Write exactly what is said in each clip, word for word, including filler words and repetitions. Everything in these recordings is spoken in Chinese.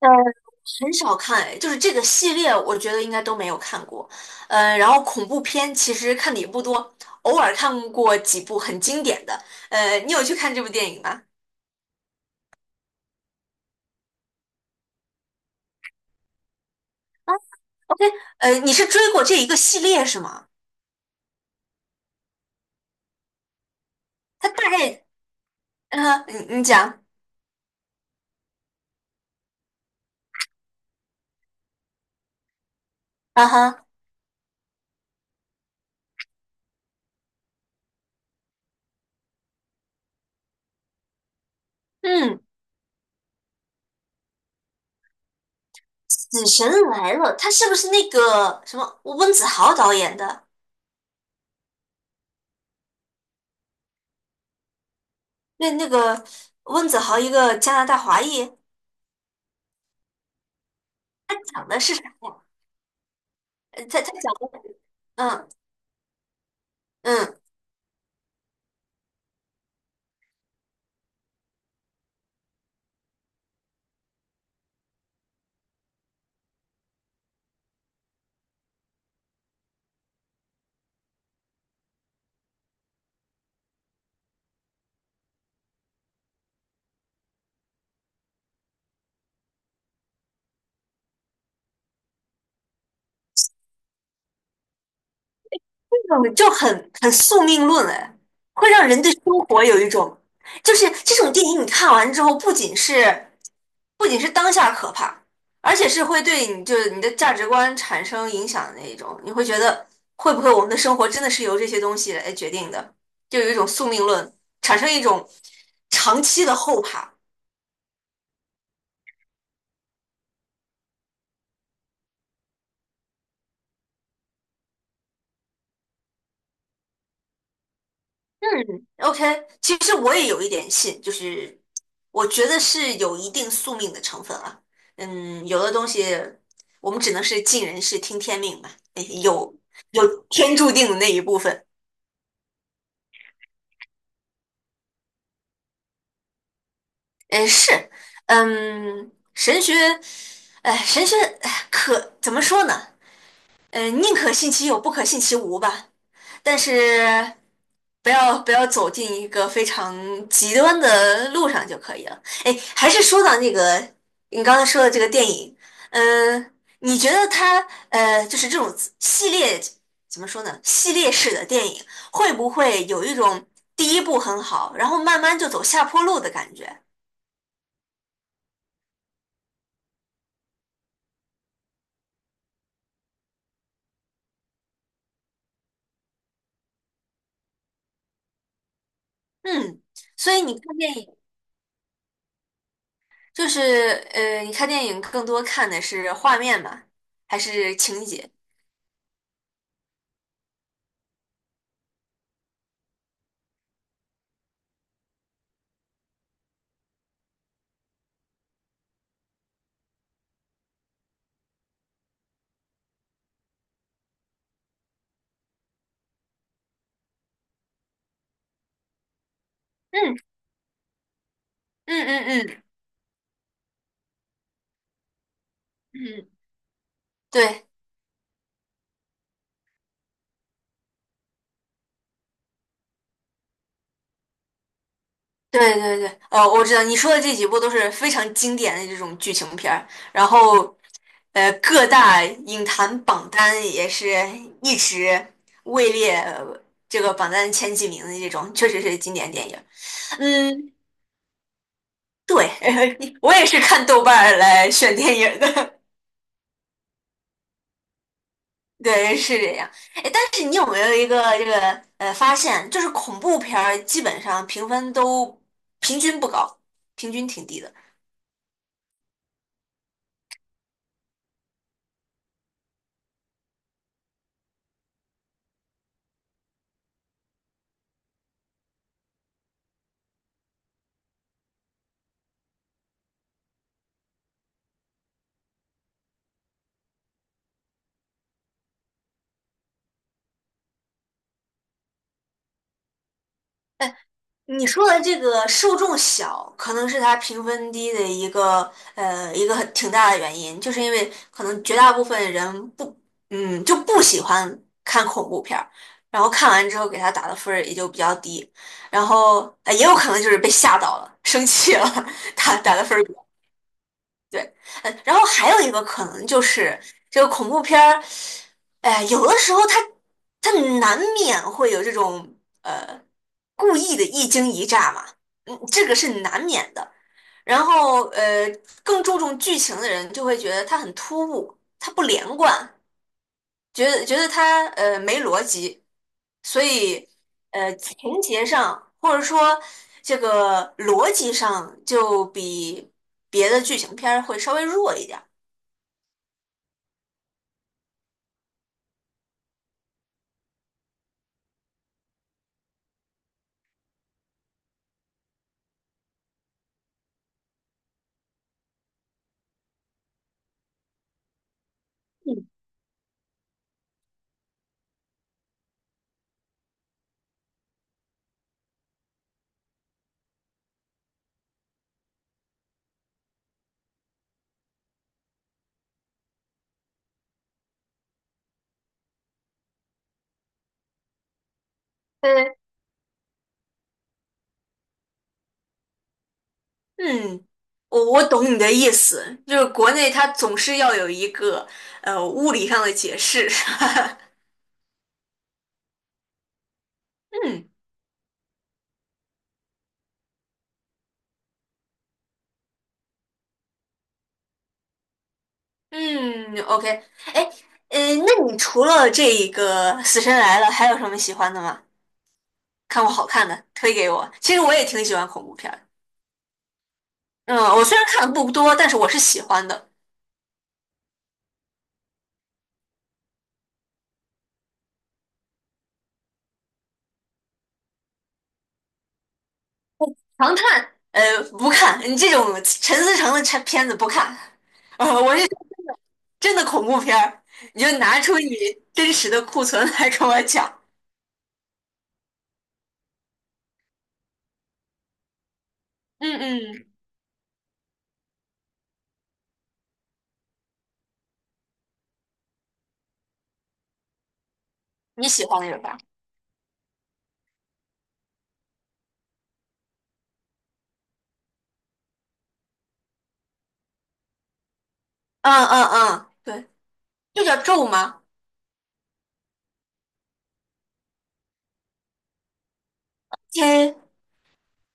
呃，很少看，哎，就是这个系列，我觉得应该都没有看过。呃，然后恐怖片其实看的也不多，偶尔看过几部很经典的。呃，你有去看这部电影吗？啊，OK，呃，你是追过这一个系列是吗？他大概，嗯、你你讲，啊哈，嗯，《死神来了》，他是不是那个什么温子豪导演的？那那个温子豪一个加拿大华裔，他讲的是啥呀？呃他他讲的，嗯。嗯这种就很很宿命论哎，会让人对生活有一种，就是这种电影你看完之后，不仅是不仅是当下可怕，而且是会对你就是你的价值观产生影响的那一种，你会觉得会不会我们的生活真的是由这些东西来决定的，就有一种宿命论，产生一种长期的后怕。嗯，OK，其实我也有一点信，就是我觉得是有一定宿命的成分啊。嗯，有的东西我们只能是尽人事听天命吧，诶有有天注定的那一部分。嗯，是，嗯，神学，哎，神学，哎，可怎么说呢？嗯，宁可信其有，不可信其无吧。但是不要不要走进一个非常极端的路上就可以了。哎，还是说到那个你刚才说的这个电影，嗯、你觉得它呃，就是这种系列怎么说呢？系列式的电影会不会有一种第一部很好，然后慢慢就走下坡路的感觉？嗯，所以你看电影就是呃，你看电影更多看的是画面吗？还是情节？嗯嗯嗯嗯嗯。对对对对，呃，我知道你说的这几部都是非常经典的这种剧情片儿，然后，呃，各大影坛榜单也是一直位列呃这个榜单前几名的这种，确实是经典电影。嗯，对，我也是看豆瓣儿来选电影的，对，是这样。哎，但是你有没有一个这个呃发现，就是恐怖片儿基本上评分都平均不高，平均挺低的。你说的这个受众小，可能是它评分低的一个呃一个很挺大的原因，就是因为可能绝大部分人不嗯就不喜欢看恐怖片儿，然后看完之后给他打的分儿也就比较低，然后呃也有可能就是被吓到了，生气了，打打的分儿。对，呃，然后还有一个可能就是这个恐怖片儿，哎、有的时候它它难免会有这种呃故意的一惊一乍嘛，嗯，这个是难免的。然后呃，更注重剧情的人就会觉得它很突兀，它不连贯，觉得觉得它呃没逻辑，所以呃情节上或者说这个逻辑上就比别的剧情片儿会稍微弱一点儿。嗯，嗯，我我懂你的意思，就是国内它总是要有一个呃物理上的解释。嗯嗯，OK,哎，呃，那你除了这一个《死神来了》，还有什么喜欢的吗？看过好看的，推给我。其实我也挺喜欢恐怖片儿的。嗯，我虽然看的不多，但是我是喜欢的。唐探，呃，不看，你这种陈思诚的片片子不看。呃，我是真的恐怖片儿，你就拿出你真实的库存来跟我讲。嗯嗯，你喜欢那个吧？嗯嗯嗯，对，就叫咒吗？嘿，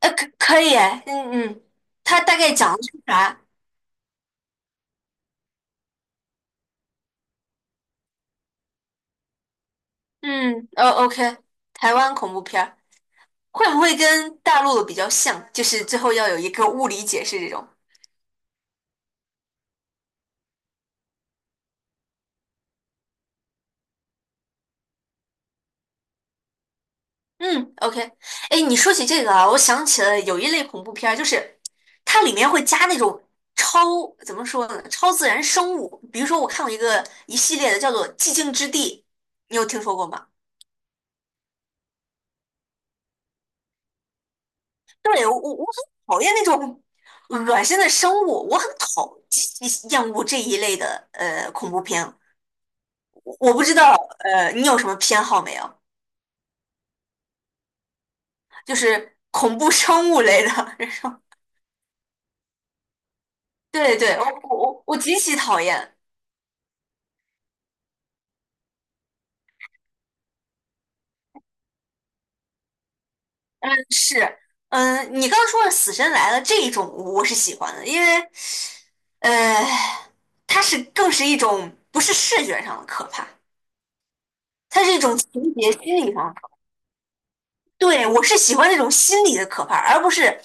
呃，可可以哎，嗯嗯，它大概讲的是啥？嗯，呃，OK,台湾恐怖片儿会不会跟大陆的比较像？就是最后要有一个物理解释这种。嗯，OK,哎，你说起这个啊，我想起了有一类恐怖片儿，就是它里面会加那种超，怎么说呢，超自然生物。比如说，我看过一个一系列的叫做《寂静之地》，你有听说过吗？对，我我我很讨厌那种恶心的生物，我很讨极其厌恶这一类的呃恐怖片。我不知道呃你有什么偏好没有？就是恐怖生物类的，这种。对对，我我我我极其讨厌。嗯，是，嗯，你刚刚说的《死神来了》这一种，我是喜欢的，因为，呃，它是更是一种不是视觉上的可怕，它是一种情节心理上的可怕。对，我是喜欢那种心理的可怕，而不是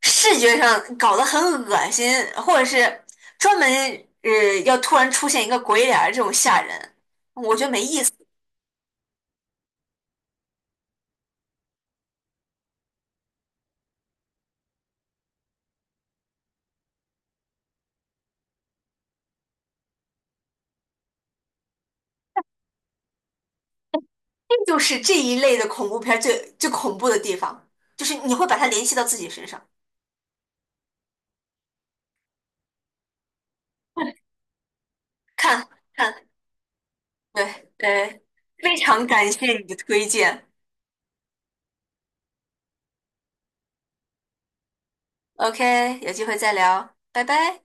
视觉上搞得很恶心，或者是专门呃要突然出现一个鬼脸儿这种吓人，我觉得没意思。这就是这一类的恐怖片儿最最恐怖的地方，就是你会把它联系到自己身上，看看。对对，非常感谢你的推荐。OK,有机会再聊，拜拜。